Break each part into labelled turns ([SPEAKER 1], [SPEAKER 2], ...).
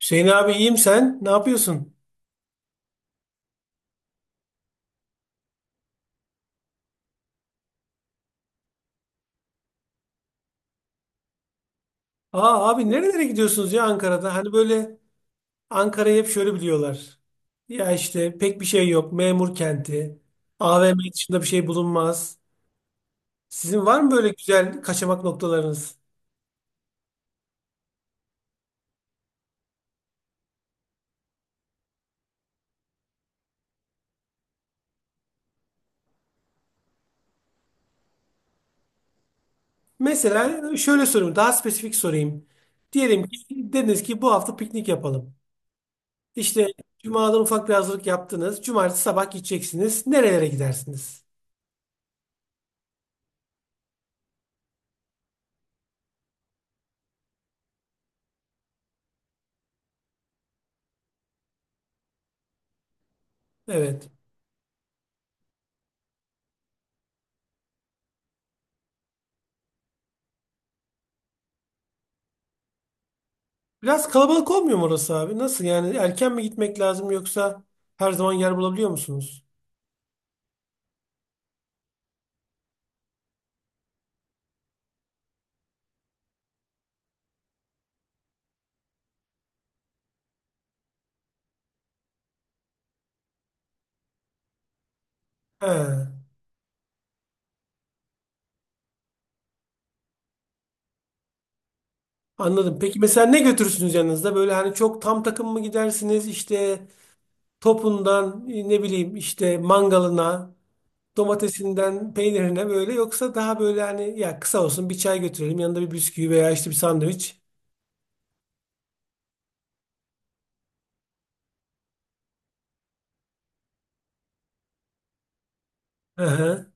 [SPEAKER 1] Hüseyin abi, iyiyim, sen? Ne yapıyorsun? Aa abi, nerelere gidiyorsunuz ya Ankara'da? Hani böyle Ankara'yı hep şöyle biliyorlar. Ya işte pek bir şey yok. Memur kenti. AVM dışında bir şey bulunmaz. Sizin var mı böyle güzel kaçamak noktalarınız? Mesela şöyle sorayım. Daha spesifik sorayım. Diyelim ki dediniz ki bu hafta piknik yapalım. İşte Cuma'dan ufak bir hazırlık yaptınız. Cumartesi sabah gideceksiniz. Nerelere gidersiniz? Evet. Biraz kalabalık olmuyor mu orası abi? Nasıl yani? Erken mi gitmek lazım, yoksa her zaman yer bulabiliyor musunuz? He, anladım. Peki mesela ne götürürsünüz yanınızda? Böyle hani çok tam takım mı gidersiniz? İşte topundan ne bileyim işte mangalına, domatesinden peynirine, böyle, yoksa daha böyle hani ya kısa olsun, bir çay götürelim yanında bir bisküvi veya işte bir sandviç. Hı hı.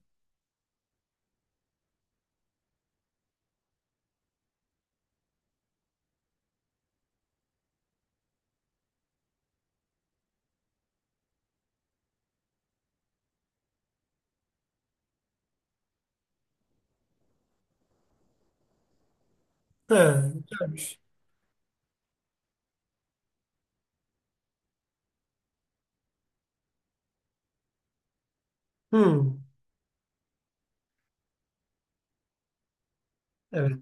[SPEAKER 1] He, güzelmiş. Hmm, evet.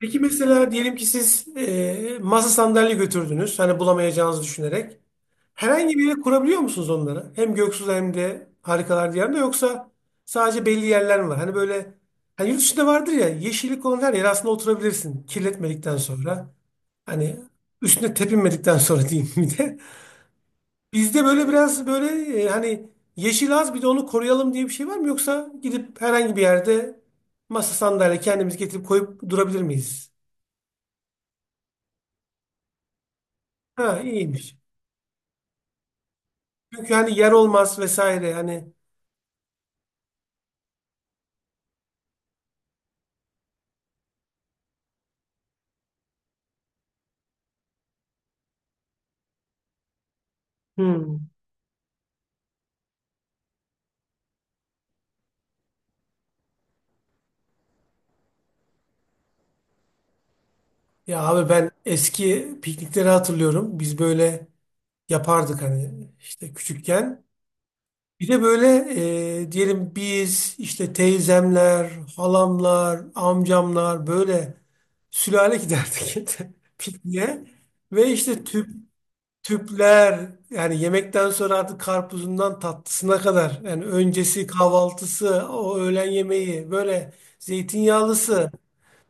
[SPEAKER 1] Peki mesela diyelim ki siz masa sandalye götürdünüz. Hani bulamayacağınızı düşünerek. Herhangi bir yere kurabiliyor musunuz onları? Hem Göksu'da hem de Harikalar Diyarı'nda, yoksa sadece belli yerler mi var? Hani böyle, hani yurt dışında vardır ya, yeşillik olan her yere aslında oturabilirsin. Kirletmedikten sonra. Hani üstüne tepinmedikten sonra diyeyim bir de. Bizde böyle biraz böyle, hani yeşil az, bir de onu koruyalım diye bir şey var mı? Yoksa gidip herhangi bir yerde masa sandalye kendimiz getirip koyup durabilir miyiz? Ha, iyiymiş. Çünkü hani yer olmaz vesaire hani. Ya abi, ben eski piknikleri hatırlıyorum. Biz böyle yapardık hani işte küçükken. Bir de böyle, diyelim biz işte teyzemler, halamlar, amcamlar böyle sülale giderdik pikniğe. Ve işte tüp tüpler yani yemekten sonra artık karpuzundan tatlısına kadar, yani öncesi kahvaltısı, o öğlen yemeği, böyle zeytinyağlısı.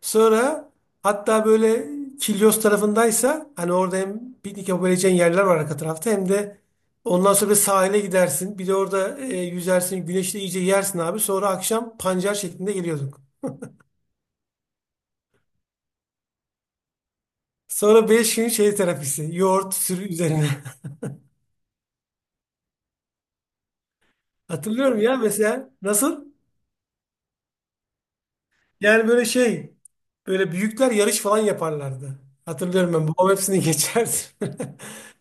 [SPEAKER 1] Sonra hatta böyle Kilyos tarafındaysa hani orada hem piknik yapabileceğin yerler var arka tarafta, hem de ondan sonra bir sahile gidersin. Bir de orada yüzersin. Güneşte iyice yersin abi. Sonra akşam pancar şeklinde geliyorduk. Sonra 5 gün şey terapisi. Yoğurt sürü üzerine. Hatırlıyorum ya mesela. Nasıl? Yani böyle şey. Böyle büyükler yarış falan yaparlardı. Hatırlıyorum ben. Babam hepsini geçerdi.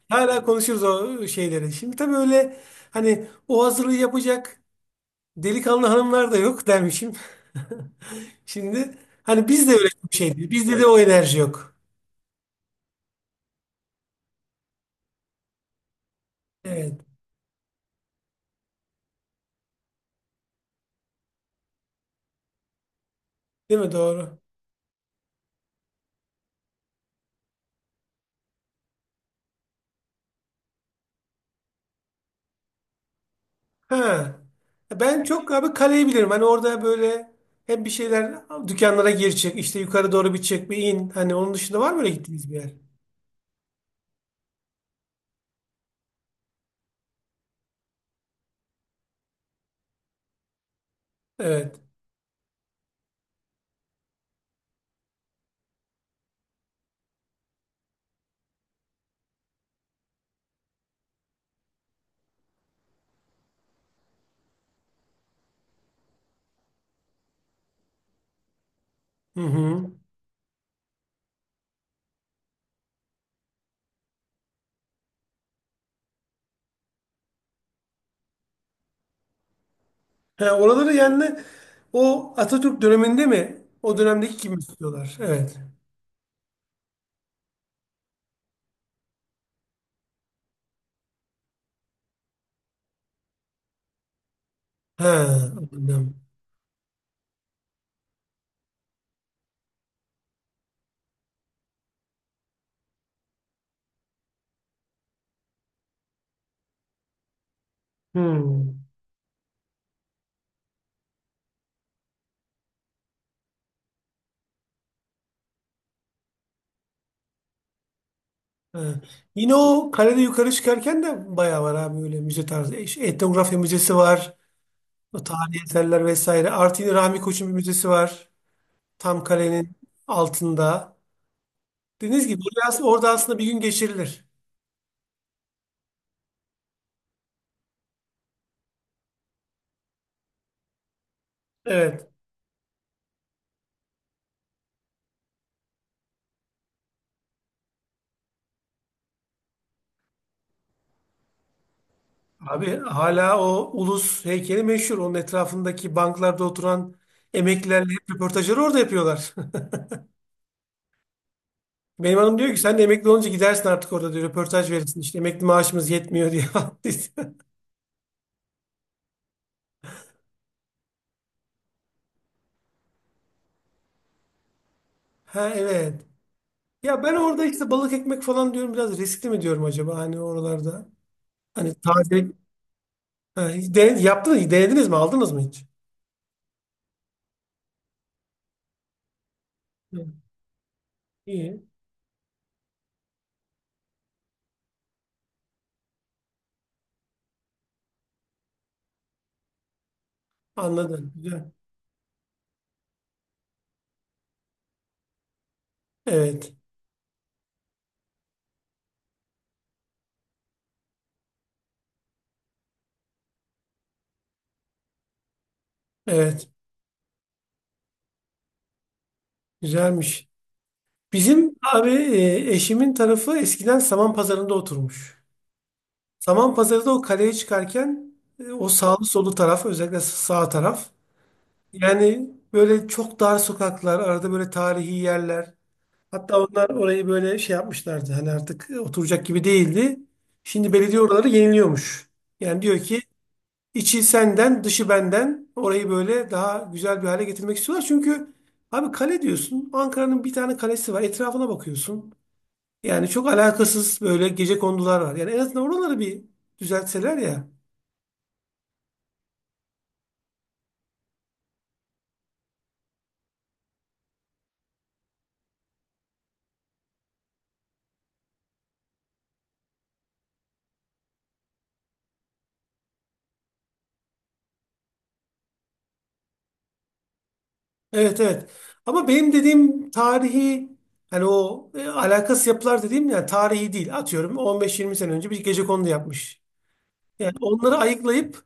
[SPEAKER 1] Hala konuşuruz o şeyleri. Şimdi tabii öyle, hani o hazırlığı yapacak delikanlı hanımlar da yok dermişim. Şimdi hani bizde öyle bir şey değil. Bizde de o enerji yok. Evet. Değil mi? Doğru. Ha. Ben çok abi kaleyi bilirim. Hani orada böyle hep bir şeyler, dükkanlara gir çık, işte yukarı doğru bir çık bir in. Hani onun dışında var mı öyle gittiğiniz bir yer? Evet. Hı hı. Ha, oraları yani o Atatürk döneminde mi? O dönemdeki gibi mi istiyorlar? Evet. Ha. Anladım. Hı. Ha. Yine o kalede yukarı çıkarken de bayağı var abi öyle müze tarzı. E, şey, Etnografya müzesi var. O tarihi eserler vesaire. Artı yine Rami Koç'un bir müzesi var. Tam kalenin altında. Dediğiniz gibi oraya as- orada aslında bir gün geçirilir. Evet. Abi hala o ulus heykeli meşhur. Onun etrafındaki banklarda oturan emeklilerle hep röportajları orada yapıyorlar. Benim hanım diyor ki sen de emekli olunca gidersin artık orada diyor. Röportaj verirsin işte emekli maaşımız yetmiyor diye. Ha, evet. Ya ben orada işte balık ekmek falan diyorum, biraz riskli mi diyorum acaba hani oralarda. Hani taze, ha, hiç den- yaptınız, denediniz mi, aldınız mı hiç? Hı. İyi. Anladım. Güzel. Evet. Evet. Güzelmiş. Bizim abi eşimin tarafı eskiden Saman Pazarı'nda oturmuş. Saman Pazarı'da o kaleye çıkarken, o sağlı solu taraf, özellikle sağ taraf, yani böyle çok dar sokaklar, arada böyle tarihi yerler. Hatta onlar orayı böyle şey yapmışlardı. Hani artık oturacak gibi değildi. Şimdi belediye oraları yeniliyormuş. Yani diyor ki içi senden, dışı benden. Orayı böyle daha güzel bir hale getirmek istiyorlar. Çünkü abi kale diyorsun. Ankara'nın bir tane kalesi var. Etrafına bakıyorsun. Yani çok alakasız böyle gecekondular var. Yani en azından oraları bir düzeltseler ya. Evet, evet. Ama benim dediğim tarihi, hani o alakasız yapılar dediğim yani tarihi değil. Atıyorum, 15-20 sene önce bir gecekondu yapmış. Yani onları ayıklayıp,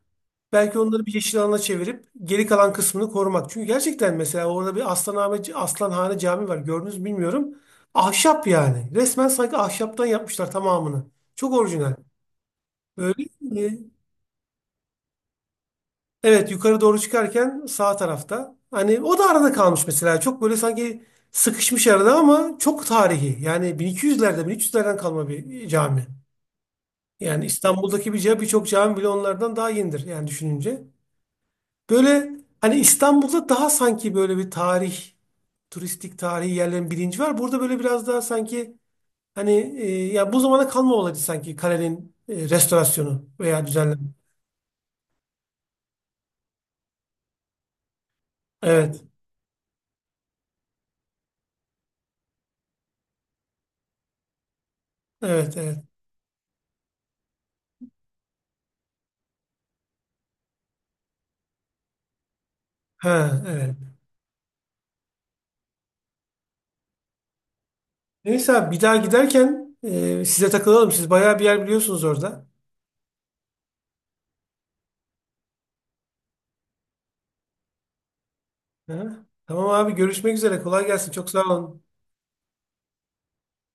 [SPEAKER 1] belki onları bir yeşil alana çevirip geri kalan kısmını korumak. Çünkü gerçekten mesela orada bir Aslanhane, Aslanhane Camii var. Gördünüz mü bilmiyorum. Ahşap yani. Resmen sanki ahşaptan yapmışlar tamamını. Çok orijinal. Böyle, e, evet yukarı doğru çıkarken sağ tarafta. Hani o da arada kalmış mesela. Çok böyle sanki sıkışmış arada ama çok tarihi. Yani 1200'lerde 1300'lerden kalma bir cami. Yani İstanbul'daki bir ca- birçok cami bile onlardan daha yenidir yani düşününce. Böyle hani İstanbul'da daha sanki böyle bir tarih, turistik tarihi yerlerin bilinci var. Burada böyle biraz daha sanki hani, ya bu zamana kalma olaydı sanki kalenin restorasyonu veya düzenleme. Evet, evet, evet. Ha, evet. Neyse abi, bir daha giderken size takılalım. Siz bayağı bir yer biliyorsunuz orada. Ha? Tamam abi, görüşmek üzere. Kolay gelsin. Çok sağ olun.